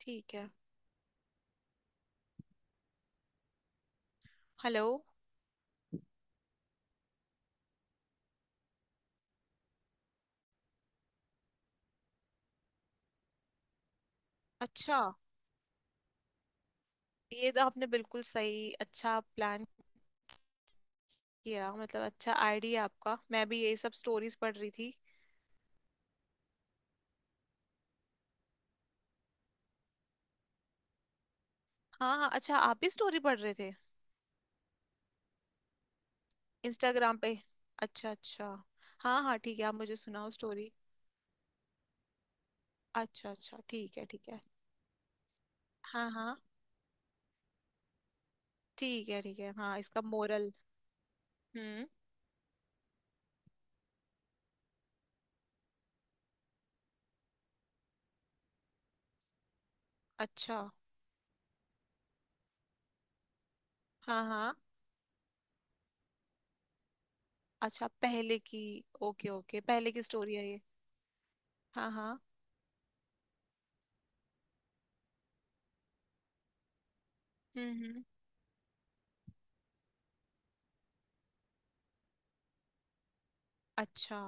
ठीक है। हेलो। अच्छा। ये तो आपने बिल्कुल सही अच्छा प्लान किया मतलब अच्छा आइडिया आपका। मैं भी यही सब स्टोरीज पढ़ रही थी। हाँ हाँ, अच्छा आप भी स्टोरी पढ़ रहे थे इंस्टाग्राम पे। अच्छा अच्छा। हाँ हाँ ठीक है, आप मुझे सुनाओ स्टोरी। अच्छा अच्छा ठीक है ठीक है। हाँ हाँ ठीक है ठीक है। हाँ, इसका मोरल। हम्म। अच्छा। हाँ हाँ। अच्छा पहले की। ओके ओके, पहले की स्टोरी है ये। हाँ हाँ। हम्म। अच्छा।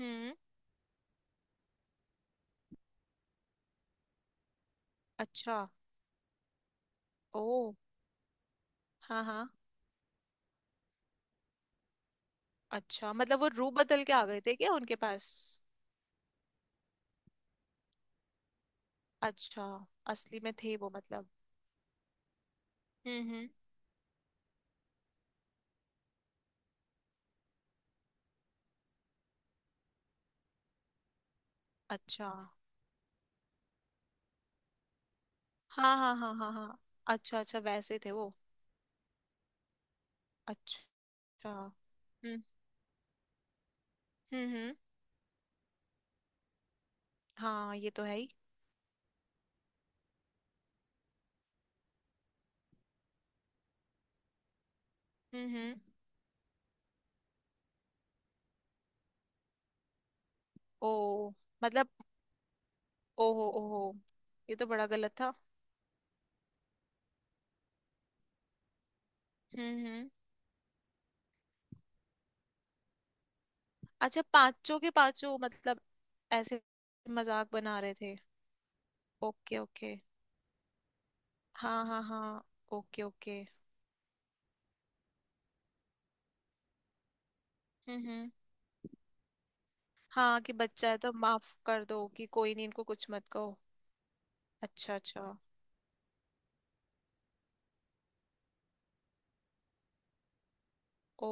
हम्म। अच्छा। ओ। हाँ हाँ। अच्छा मतलब वो रूप बदल के आ गए थे क्या उनके पास। अच्छा, असली में थे वो मतलब। हम्म। अच्छा, हाँ हाँ हाँ हाँ हाँ। अच्छा अच्छा वैसे थे वो। अच्छा। हम्म हम्म। हम्म। हाँ ये तो है ही। हम्म। ओ मतलब, ओहो ओहो, ये तो बड़ा गलत था। हम्म। अच्छा पांचों के पांचों मतलब ऐसे मजाक बना रहे थे। Okay okay. हाँ हाँ हाँ। Okay okay. हम्म। हाँ कि बच्चा है तो माफ कर दो, कि कोई नहीं इनको कुछ मत कहो। अच्छा अच्छा। ओ।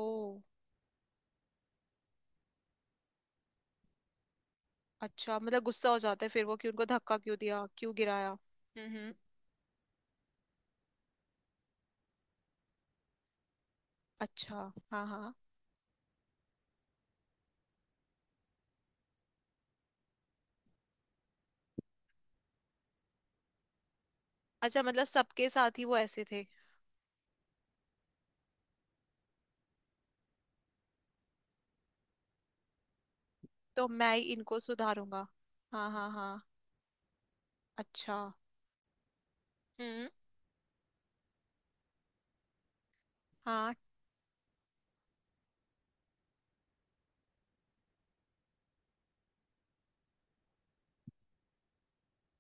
अच्छा मतलब गुस्सा हो जाता है फिर वो, कि उनको धक्का क्यों दिया क्यों गिराया। हम्म। अच्छा हाँ हाँ। अच्छा मतलब सबके साथ ही वो ऐसे थे। तो मैं ही इनको सुधारूंगा। हाँ हाँ हाँ। अच्छा। हम्म। हाँ।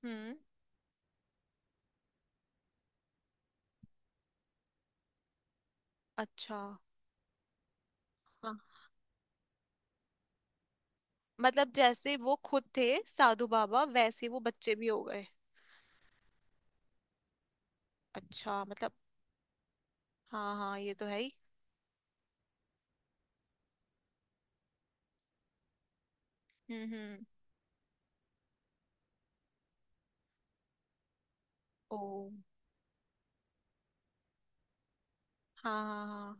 हम्म। अच्छा। हाँ मतलब जैसे वो खुद थे साधु बाबा वैसे वो बच्चे भी हो गए। अच्छा मतलब, हाँ हाँ ये तो है ही। हम्म हम्म। ओ। हाँ हाँ।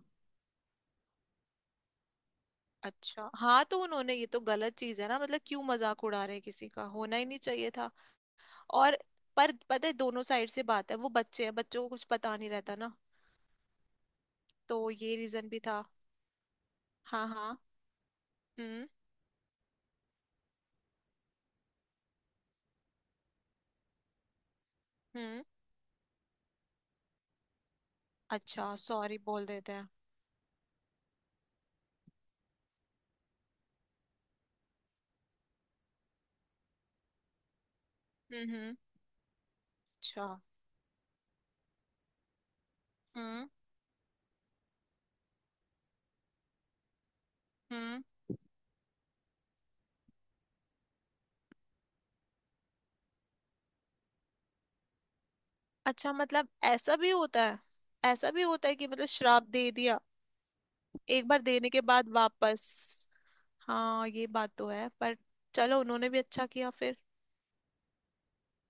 अच्छा हाँ, तो उन्होंने ये तो गलत चीज है ना, मतलब क्यों मजाक उड़ा रहे हैं किसी का, होना ही नहीं चाहिए था। और पर पता है दोनों साइड से बात है, वो बच्चे हैं बच्चों को कुछ पता नहीं रहता ना। तो ये रीजन भी था। हाँ हाँ। हम्म हम्म। अच्छा सॉरी बोल देते हैं। हम्म। अच्छा। हम्म हम्म। अच्छा मतलब ऐसा भी होता है। ऐसा भी होता है कि मतलब श्राप दे दिया एक बार देने के बाद वापस। हाँ ये बात तो है पर चलो उन्होंने भी अच्छा किया फिर।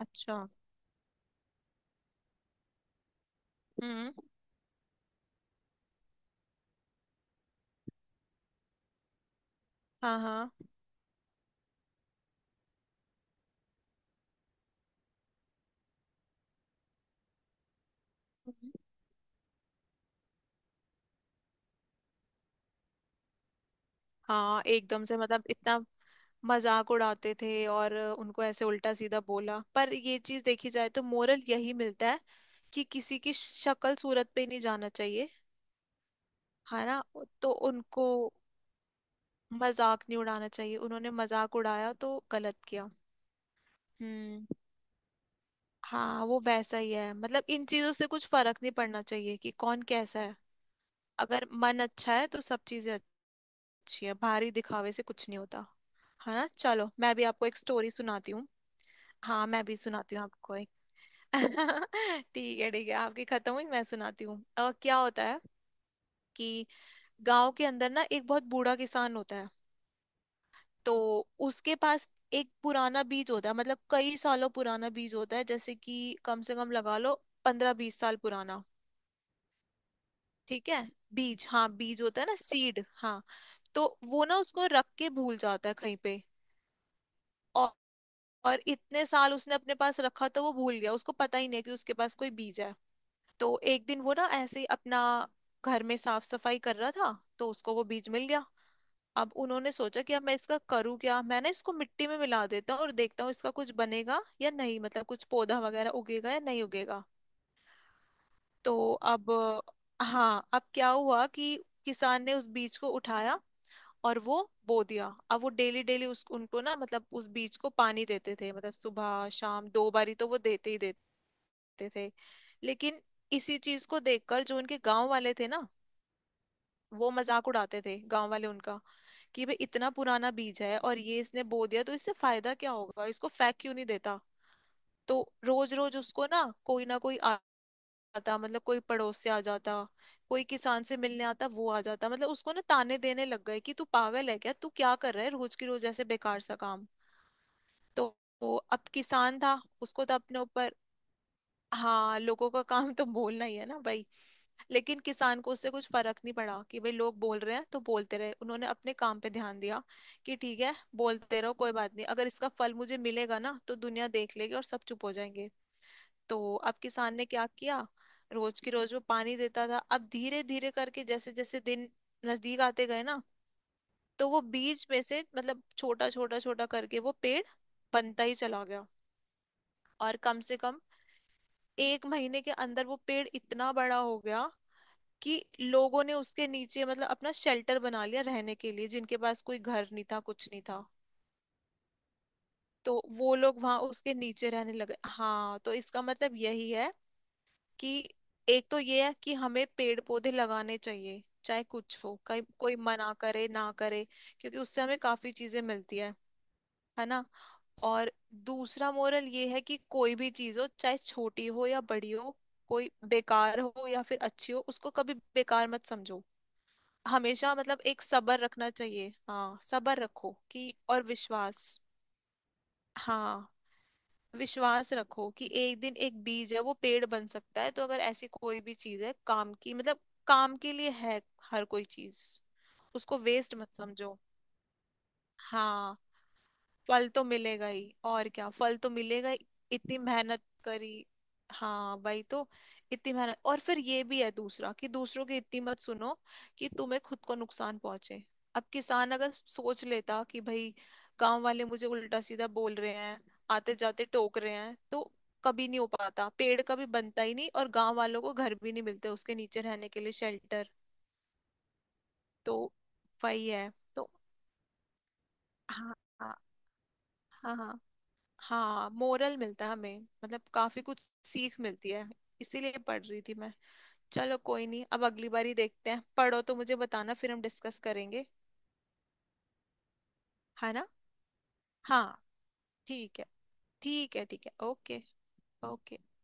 अच्छा। हम्म। हाँ हाँ हाँ एकदम से मतलब इतना मजाक उड़ाते थे और उनको ऐसे उल्टा सीधा बोला, पर ये चीज देखी जाए तो मोरल यही मिलता है कि किसी की शक्ल सूरत पे नहीं जाना चाहिए। है ना, तो उनको मजाक नहीं उड़ाना चाहिए, उन्होंने मजाक उड़ाया तो गलत किया। हम्म। हाँ वो वैसा ही है, मतलब इन चीजों से कुछ फर्क नहीं पड़ना चाहिए कि कौन कैसा है। अगर मन अच्छा है तो सब चीजें अच्छी है, बाहरी दिखावे से कुछ नहीं होता। है ना, चलो मैं भी आपको एक स्टोरी सुनाती हूँ। हाँ मैं भी सुनाती हूँ आपको एक। ठीक है ठीक है, आपकी खत्म हुई मैं सुनाती हूँ। क्या होता है कि गांव के अंदर ना एक बहुत बूढ़ा किसान होता है। तो उसके पास एक पुराना बीज होता है, मतलब कई सालों पुराना बीज होता है, जैसे कि कम से कम लगा लो 15-20 साल पुराना। ठीक है। बीज, हाँ बीज होता है ना, सीड। हाँ तो वो ना उसको रख के भूल जाता है कहीं पे। और, और इतने साल उसने अपने पास रखा तो वो भूल गया, उसको पता ही नहीं कि उसके पास कोई बीज है। तो एक दिन वो ना ऐसे ही अपना घर में साफ सफाई कर रहा था, तो उसको वो बीज मिल गया। अब उन्होंने सोचा कि अब मैं इसका करूँ क्या, मैं ना इसको मिट्टी में मिला देता हूँ और देखता हूँ इसका कुछ बनेगा या नहीं, मतलब कुछ पौधा वगैरह उगेगा या नहीं उगेगा। तो अब, हाँ अब क्या हुआ कि किसान ने उस बीज को उठाया और वो बो दिया। अब वो डेली डेली उस उनको ना, मतलब उस बीज को पानी देते थे, मतलब सुबह शाम 2 बारी तो वो देते ही देते थे। लेकिन इसी चीज को देखकर जो उनके गांव वाले थे ना, वो मजाक उड़ाते थे गांव वाले उनका कि भाई इतना पुराना बीज है और ये इसने बो दिया तो इससे फायदा क्या होगा, इसको फेंक क्यों नहीं देता। तो रोज रोज उसको ना कोई आता, मतलब कोई पड़ोस से आ जाता कोई किसान से मिलने आता वो आ जाता, मतलब उसको ना ताने देने लग गए कि तू पागल है क्या, तू क्या कर रहा है रोज की रोज ऐसे बेकार सा काम। तो वो अब किसान था उसको तो अपने ऊपर, हाँ लोगों का काम तो बोलना ही है ना भाई। लेकिन किसान को उससे कुछ फर्क नहीं पड़ा, कि भाई लोग बोल रहे हैं तो बोलते रहे, उन्होंने अपने काम पे ध्यान दिया कि ठीक है बोलते रहो कोई बात नहीं, अगर इसका फल मुझे मिलेगा ना तो दुनिया देख लेगी और सब चुप हो जाएंगे। तो अब किसान ने क्या किया, रोज की रोज वो पानी देता था। अब धीरे धीरे करके जैसे जैसे दिन नजदीक आते गए ना, तो वो बीज में से मतलब छोटा छोटा छोटा करके वो पेड़ बनता ही चला गया। और कम से कम एक महीने के अंदर वो पेड़ इतना बड़ा हो गया कि लोगों ने उसके नीचे मतलब अपना शेल्टर बना लिया रहने के लिए, जिनके पास कोई घर नहीं था कुछ नहीं था। तो वो लोग वहां उसके नीचे रहने लगे। हाँ तो इसका मतलब यही है कि, एक तो ये है कि हमें पेड़ पौधे लगाने चाहिए चाहे कुछ हो कहीं कोई मना करे ना करे, क्योंकि उससे हमें काफी चीजें मिलती है। है ना। और दूसरा मोरल ये है कि कोई भी चीज हो चाहे छोटी हो या बड़ी हो, कोई बेकार हो या फिर अच्छी हो, उसको कभी बेकार मत समझो। हमेशा मतलब एक सब्र रखना चाहिए। हाँ सब्र रखो कि, और विश्वास। हाँ विश्वास रखो कि एक दिन एक बीज है वो पेड़ बन सकता है, तो अगर ऐसी कोई भी चीज है काम की, मतलब काम के लिए है हर कोई चीज, उसको वेस्ट मत समझो। हाँ फल तो मिलेगा ही और क्या, फल तो मिलेगा ही। इतनी मेहनत करी। हाँ वही तो, इतनी मेहनत। और फिर ये भी है दूसरा कि दूसरों की इतनी मत सुनो कि तुम्हें खुद को नुकसान पहुंचे। अब किसान अगर सोच लेता कि भाई गांव वाले मुझे उल्टा सीधा बोल रहे हैं आते जाते टोक रहे हैं, तो कभी नहीं हो पाता पेड़ कभी बनता ही नहीं, और गांव वालों को घर भी नहीं मिलते उसके नीचे रहने के लिए शेल्टर। तो वही है तो। हाँ हाँ हाँ हाँ। हाँ मोरल मिलता है हमें, मतलब काफी कुछ सीख मिलती है। इसीलिए पढ़ रही थी मैं। चलो कोई नहीं, अब अगली बारी देखते हैं, पढ़ो तो मुझे बताना फिर हम डिस्कस करेंगे। है ना। हाँ ठीक है। ठीक है ठीक है ओके। ओके।